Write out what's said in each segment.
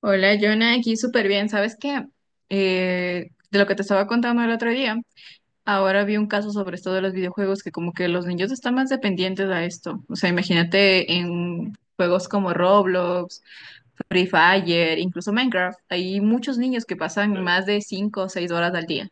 Hola, Jonah, aquí súper bien. ¿Sabes qué? De lo que te estaba contando el otro día, ahora vi un caso sobre esto de los videojuegos que como que los niños están más dependientes a esto. O sea, imagínate en juegos como Roblox, Free Fire, incluso Minecraft, hay muchos niños que pasan más de 5 o 6 horas al día.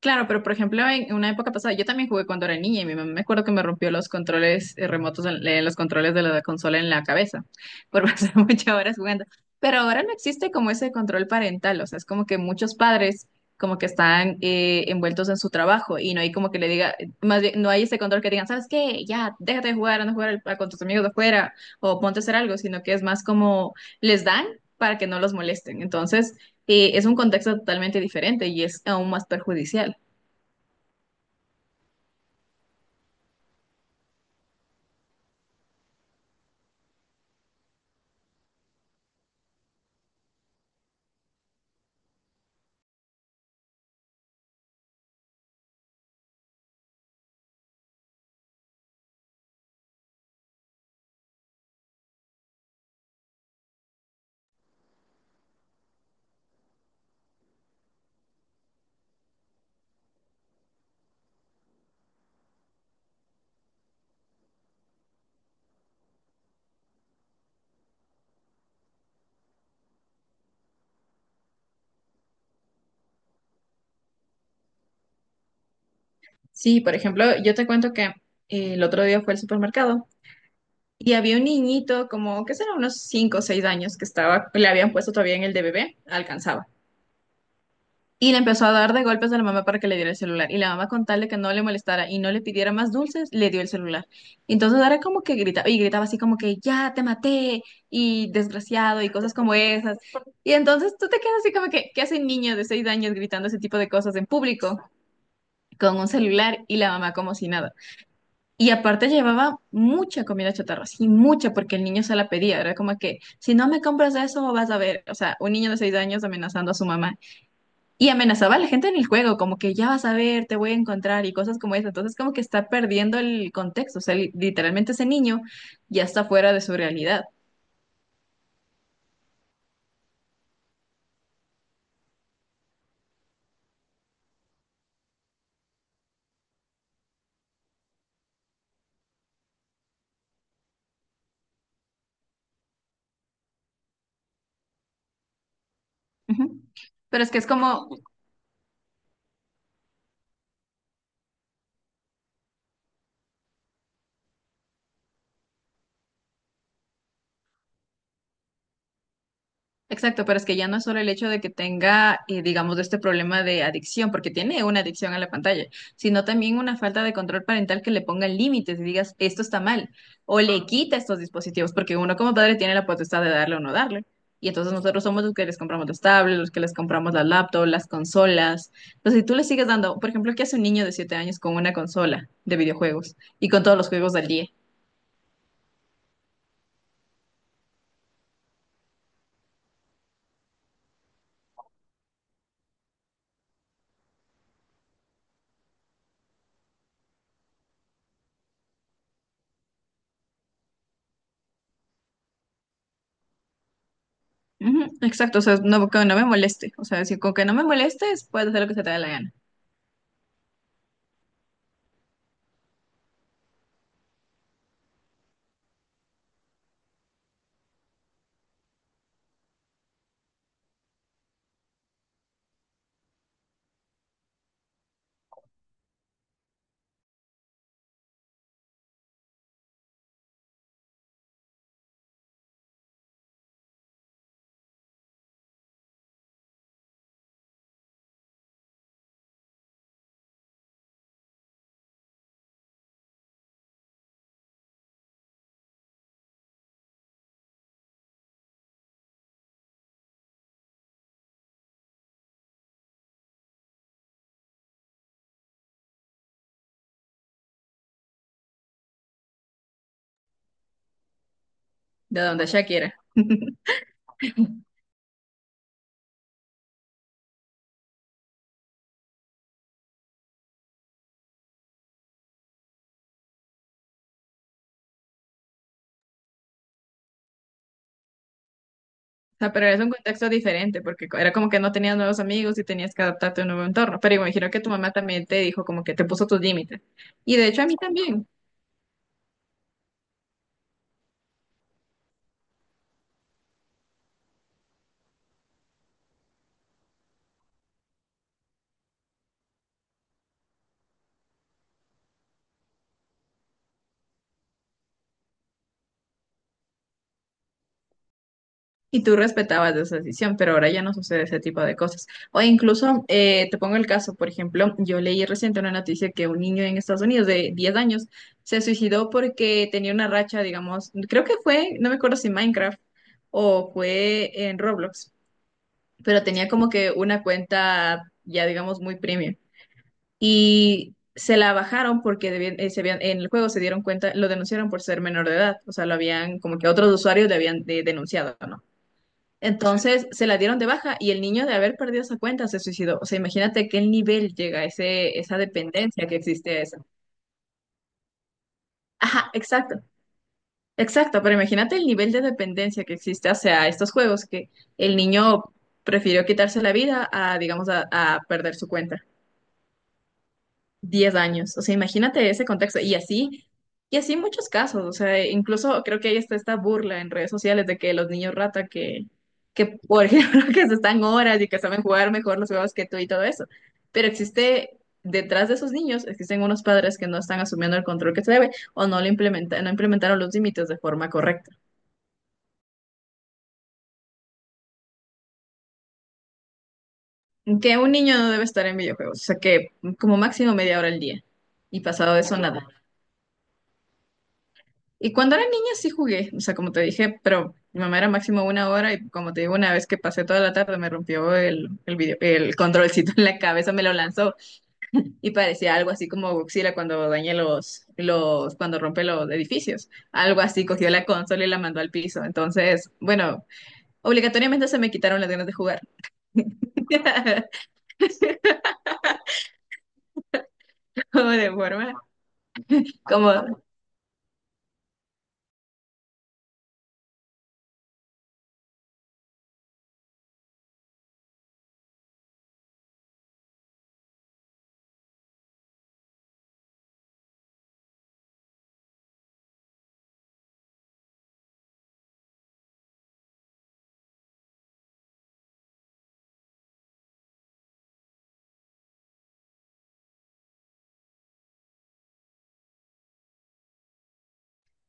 Claro, pero por ejemplo, en una época pasada, yo también jugué cuando era niña y mi mamá me acuerdo que me rompió los controles remotos, los controles de la consola en la cabeza por pasar muchas horas jugando. Pero ahora no existe como ese control parental, o sea, es como que muchos padres como que están envueltos en su trabajo y no hay como que le diga, más bien, no hay ese control que digan, ¿sabes qué? Ya, déjate de jugar, anda a jugar con tus amigos de afuera o ponte a hacer algo, sino que es más como les dan para que no los molesten. Entonces es un contexto totalmente diferente y es aún más perjudicial. Sí, por ejemplo, yo te cuento que el otro día fue al supermercado y había un niñito como, qué será, unos 5 o 6 años que estaba, le habían puesto todavía en el de bebé, alcanzaba. Y le empezó a dar de golpes a la mamá para que le diera el celular. Y la mamá con tal de que no le molestara y no le pidiera más dulces, le dio el celular. Entonces era como que gritaba, y gritaba así como que, ya te maté, y desgraciado, y cosas como esas. Y entonces tú te quedas así como que, ¿qué hace un niño de 6 años gritando ese tipo de cosas en público con un celular y la mamá como si nada? Y aparte llevaba mucha comida chatarra, sí, mucha, porque el niño se la pedía, era como que, si no me compras eso, vas a ver, o sea, un niño de 6 años amenazando a su mamá. Y amenazaba a la gente en el juego, como que ya vas a ver, te voy a encontrar y cosas como eso. Entonces, como que está perdiendo el contexto, o sea, literalmente ese niño ya está fuera de su realidad. Ujú. Pero es que es como. Exacto, pero es que ya no es solo el hecho de que tenga, digamos, este problema de adicción, porque tiene una adicción a la pantalla, sino también una falta de control parental que le ponga límites y digas, esto está mal, o le quita estos dispositivos, porque uno como padre tiene la potestad de darle o no darle. Y entonces nosotros somos los que les compramos los tablets, los que les compramos las laptops, las consolas. Entonces, si tú le sigues dando, por ejemplo, ¿qué hace un niño de 7 años con una consola de videojuegos y con todos los juegos del día? Ujú, exacto, o sea, no, que no me moleste. O sea, si con que no me molestes, puedes hacer lo que se te dé la gana. De donde ella quiera. O sea, pero es un contexto diferente, porque era como que no tenías nuevos amigos y tenías que adaptarte a un nuevo entorno. Pero imagino que tu mamá también te dijo como que te puso tus límites. Y de hecho a mí también. Y tú respetabas esa decisión, pero ahora ya no sucede ese tipo de cosas. O incluso, te pongo el caso, por ejemplo, yo leí reciente una noticia que un niño en Estados Unidos de 10 años se suicidó porque tenía una racha, digamos, creo que fue, no me acuerdo si Minecraft o fue en Roblox, pero tenía como que una cuenta ya digamos muy premium y se la bajaron porque en el juego se dieron cuenta, lo denunciaron por ser menor de edad, o sea, lo habían como que otros usuarios le habían denunciado, ¿no? Sí. Entonces se la dieron de baja y el niño de haber perdido esa cuenta se suicidó. O sea, imagínate qué nivel llega ese, esa dependencia que existe a eso. Ajá, exacto, exacto, pero imagínate el nivel de dependencia que existe hacia estos juegos que el niño prefirió quitarse la vida a, digamos, a perder su cuenta. 10 años. O sea, imagínate ese contexto. Y así muchos casos. O sea, incluso creo que ahí está esta burla en redes sociales de que los niños rata que por ejemplo, que se están horas y que saben jugar mejor los juegos que tú y todo eso. Pero existe, detrás de esos niños, existen unos padres que no están asumiendo el control que se debe o no lo implementa, no implementaron los límites de forma correcta. Que un niño no debe estar en videojuegos. O sea, que como máximo media hora al día. Y pasado de eso, nada. Y cuando era niña sí jugué, o sea, como te dije, pero mi mamá era máximo una hora y como te digo, una vez que pasé toda la tarde me rompió el video, el controlcito en la cabeza, me lo lanzó y parecía algo así como Godzilla cuando daña cuando rompe los edificios. Algo así, cogió la consola y la mandó al piso. Entonces, bueno, obligatoriamente se me quitaron las ganas de jugar. Como de forma, como.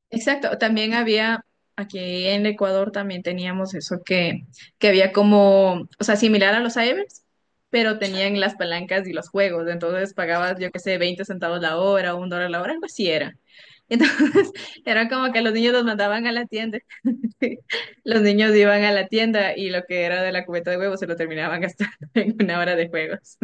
Exacto, también había, aquí en Ecuador también teníamos eso que había como, o sea, similar a los cybers, pero tenían las palancas y los juegos, entonces pagabas, yo qué sé, 20 centavos la hora, $1 la hora, algo así era. Entonces, era como que los niños los mandaban a la tienda, los niños iban a la tienda y lo que era de la cubeta de huevos se lo terminaban gastando en una hora de juegos.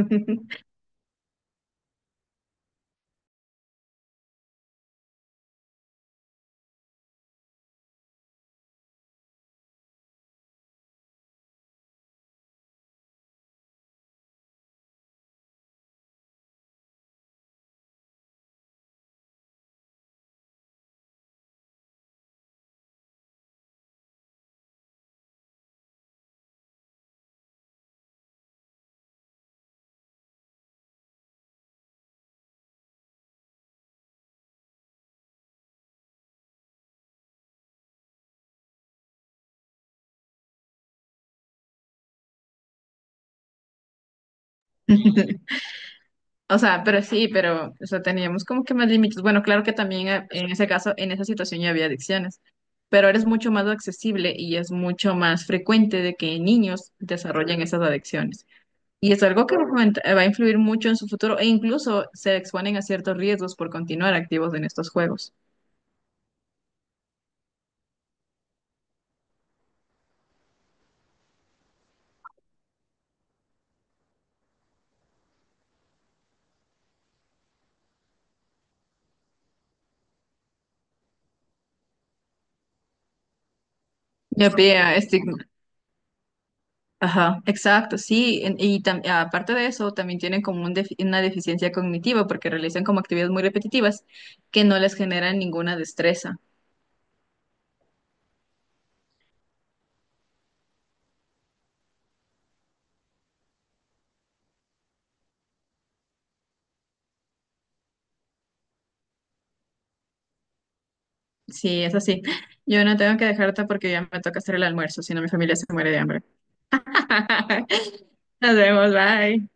O sea, pero sí, pero, o sea, teníamos como que más límites. Bueno, claro que también en ese caso, en esa situación ya había adicciones, pero eres mucho más accesible y es mucho más frecuente de que niños desarrollen esas adicciones. Y es algo que va a influir mucho en su futuro e incluso se exponen a ciertos riesgos por continuar activos en estos juegos. Ya pía, estigma. Ajá, exacto, sí. Y aparte de eso, también tienen como un una deficiencia cognitiva porque realizan como actividades muy repetitivas que no les generan ninguna destreza. Sí, es así. Yo no tengo que dejarte porque ya me toca hacer el almuerzo, si no mi familia se muere de hambre. Nos vemos, bye.